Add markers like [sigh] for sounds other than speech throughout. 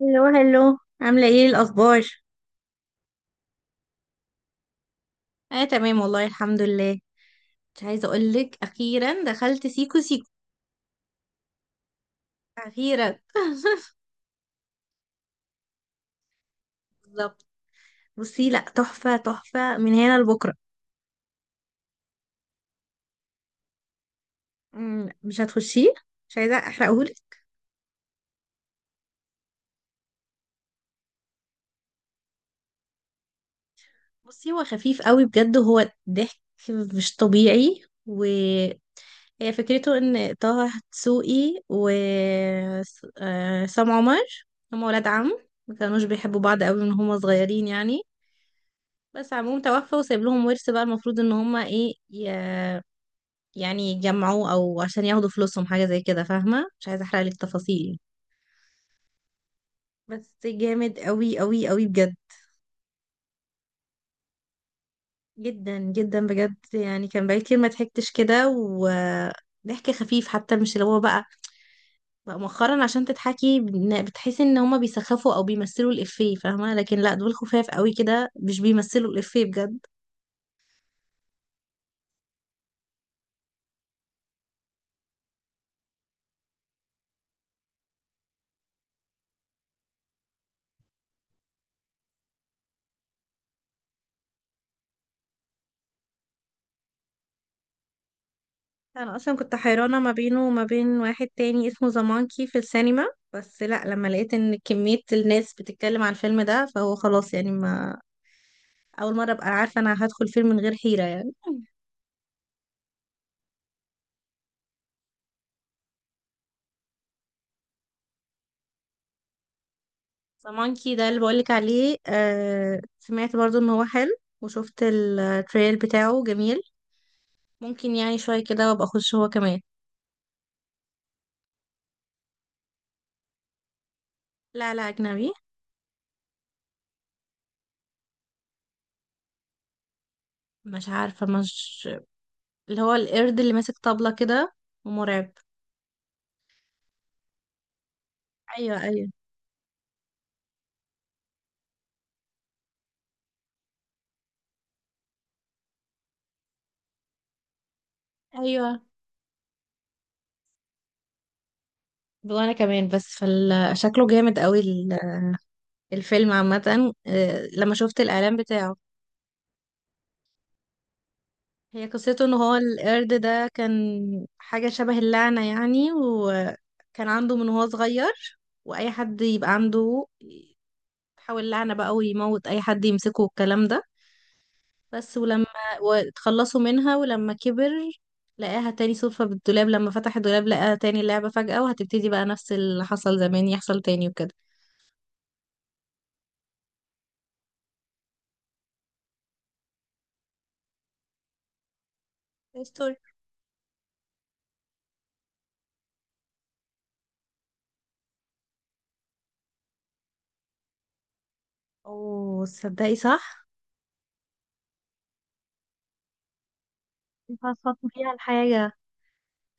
هلو هلو، عاملة ايه الأخبار؟ اه تمام، والله الحمد لله. مش عايزة أقولك، أخيرا دخلت سيكو سيكو أخيرا. [laughs] بالظبط. بصي، لأ تحفة تحفة من هنا لبكرة. مش هتخشيه، مش عايزة أحرقهولك. بصي هو خفيف قوي بجد، هو ضحك مش طبيعي. وهي فكرته إن طه دسوقي و سام عمر هما ولاد عم، ما كانوش بيحبوا بعض قوي من هما صغيرين يعني. بس عموم توفى وسايب لهم ورث، بقى المفروض ان هما ايه يعني يجمعوه او عشان ياخدوا فلوسهم، حاجة زي كده. فاهمة، مش عايزة احرق لك تفاصيل. يعني بس جامد قوي قوي قوي بجد. جدا جدا بجد، يعني كان بقالي كتير ما ضحكتش كده، وضحك خفيف حتى، مش اللي هو بقى بقى مؤخرا عشان تضحكي بتحسي ان هما بيسخفوا او بيمثلوا الافيه، فاهمة؟ لكن لا، دول خفاف قوي كده، مش بيمثلوا الافيه بجد. انا اصلا كنت حيرانه ما بينه وما بين واحد تاني اسمه زمانكي في السينما، بس لا، لما لقيت ان كميه الناس بتتكلم عن الفيلم ده فهو خلاص يعني. ما اول مره ابقى عارفه انا هدخل فيلم من غير حيره يعني. زمانكي ده اللي بقولك عليه، آه سمعت برضو ان هو حلو، وشفت التريل بتاعه جميل. ممكن يعني شويه كده وابقى اخش هو كمان. لا لا، اجنبي. مش عارفه، مش اللي هو القرد اللي ماسك طبلة كده ومرعب؟ ايوه ايوه ايوه. وانا كمان. بس فشكله جامد قوي. الفيلم عامة، لما شفت الإعلان بتاعه. هي قصته ان هو القرد ده كان حاجة شبه اللعنة يعني، وكان عنده من وهو صغير، واي حد يبقى عنده يحاول لعنة بقى ويموت، اي حد يمسكه والكلام ده. بس ولما واتخلصوا منها، ولما كبر لقاها تاني صدفة بالدولاب. لما فتح الدولاب لقاها تاني، اللعبة فجأة، وهتبتدي بقى نفس اللي حصل زمان يحصل تاني وكده. ستوري. اوه تصدقي، صح. فصلت فيها الحاجة.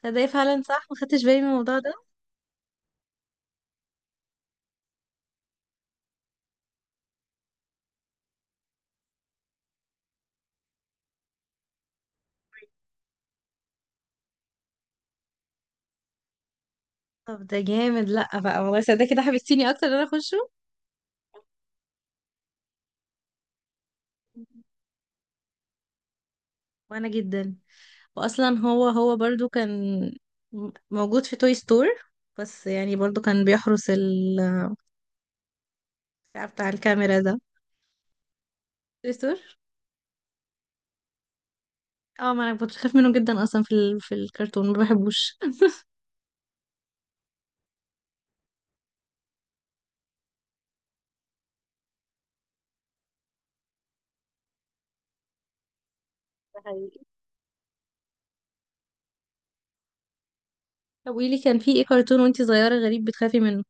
تصدقي فعلا صح، ما خدتش بالي من الموضوع ده. طب ده جامد. لا بقى، والله صدق كده حبستيني اكتر ان انا اخشه. وانا جدا. واصلا هو برضو كان موجود في توي ستور، بس يعني برضو كان بيحرس ال بتاع الكاميرا ده، توي ستور. اه، ما انا كنت بخاف منه جدا اصلا. في الكرتون ما بحبوش. [laughs] ده حقيقي. طب قولي لي، كان في ايه كرتون وانتي صغيرة غريب بتخافي منه؟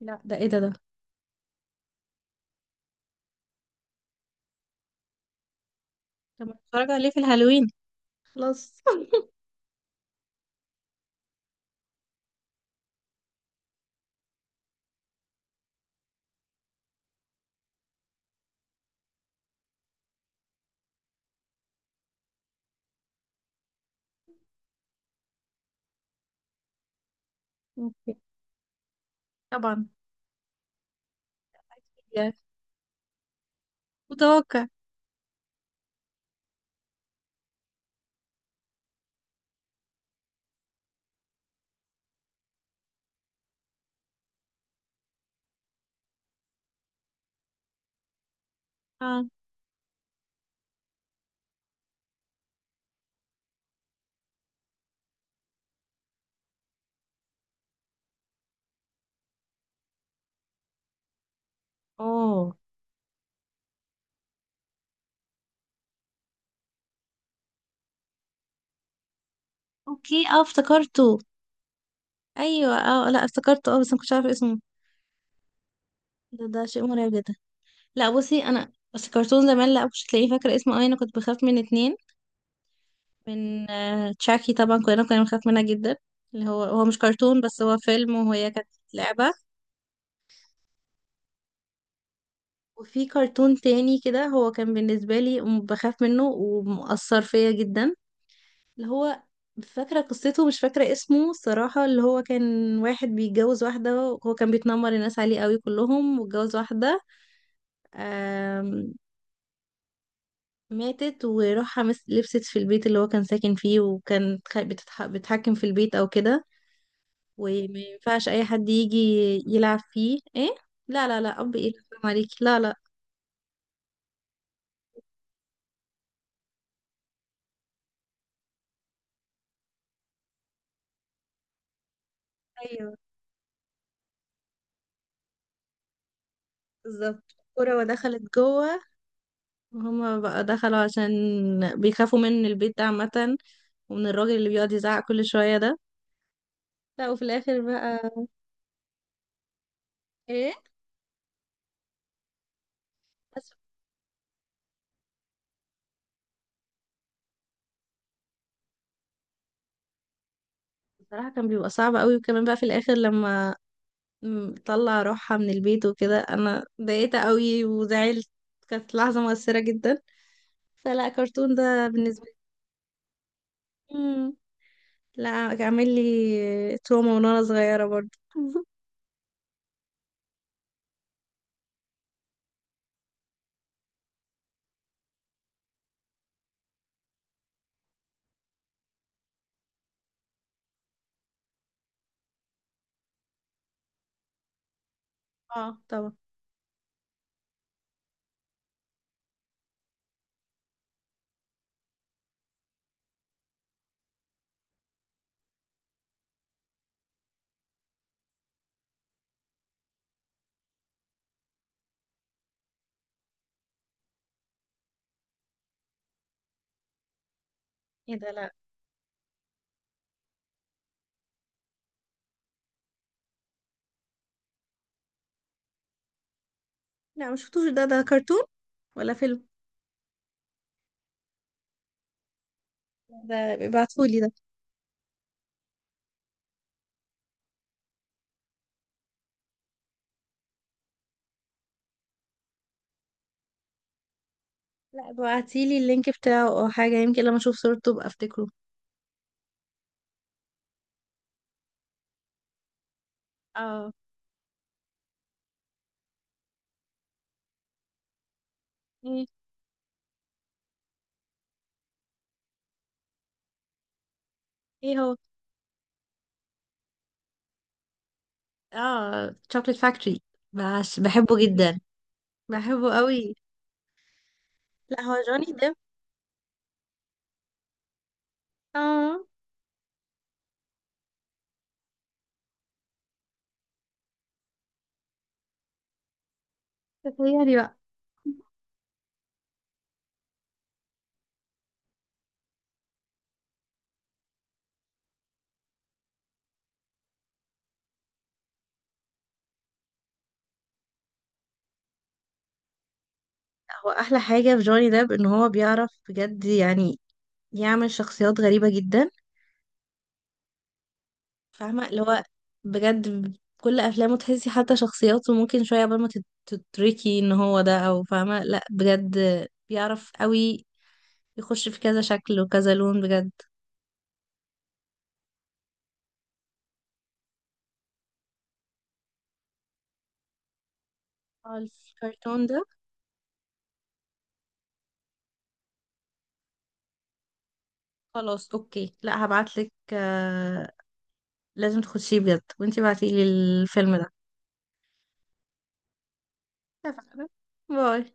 لا ده ايه، ده؟ طب ما اتفرج عليه في الهالوين، خلاص. [laughs] أوكي. طبعا، يعني متوقع. اه. اوه، اوكي، اه افتكرته. ايوه، اه لا افتكرته، اه بس ما كنتش عارفه اسمه. ده، ده شيء مرعب جدا. لا بصي، انا بس كرتون زمان، لا مش هتلاقيه فاكره اسمه اي. انا كنت بخاف من اتنين، من تشاكي طبعا، كلنا كنا بنخاف منها جدا، اللي هو هو مش كرتون، بس هو فيلم، وهي كانت لعبه. وفي كرتون تاني كده هو كان بالنسبه لي بخاف منه ومؤثر فيا جدا، اللي هو فاكرة قصته، مش فاكرة اسمه الصراحة. اللي هو كان واحد بيتجوز واحدة، هو كان بيتنمر الناس عليه قوي كلهم، واتجوز واحدة آم، ماتت، وراح لبست في البيت اللي هو كان ساكن فيه، وكان بتحكم في البيت او كده، وما ينفعش اي حد يجي يلعب فيه. ايه؟ لا لا لا، اب ايه؟ فاهم عليكي، لا لا. ايوه بالظبط، الكرة ودخلت جوه، وهما بقى دخلوا عشان بيخافوا من البيت ده عامة، ومن الراجل اللي بيقعد يزعق كل شوية ده. لا، وفي الاخر بقى ايه؟ بس بصراحة كان بيبقى صعب قوي، وكمان بقى في الاخر لما طلع روحها من البيت وكده، انا ضايقت قوي وزعلت، كانت لحظة مؤثرة جدا. فلا كرتون ده بالنسبة لي. لا كان عامل لي تروما من وانا صغيرة برضه. [laughs] اه طبعا. ايه ده، لا. لا ما شفتوش، ده كرتون ولا فيلم؟ ده ابعتهولي ده. لا ابعتيلي اللينك بتاعه او حاجة، يمكن لما اشوف صورته ابقى افتكره. اه. ايه؟ ايه هو؟ اه، تشوكلت فاكتوري، بس بحبه جدا، بحبه قوي. لا هو جوني ديب، اه. تخيلي بقى. هو احلى حاجه في جوني ديب ان هو بيعرف بجد يعني يعمل شخصيات غريبه جدا، فاهمه اللي هو بجد. كل افلامه تحسي حتى شخصياته، ممكن شويه قبل ما تتركي ان هو ده او، فاهمه؟ لا بجد، بيعرف قوي يخش في كذا شكل وكذا لون بجد. آه، الكرتون ده. خلاص اوكي، لا هبعتلك، لازم تخشيه بجد وانتي بعتيلي الفيلم ده. اتفقنا. باي.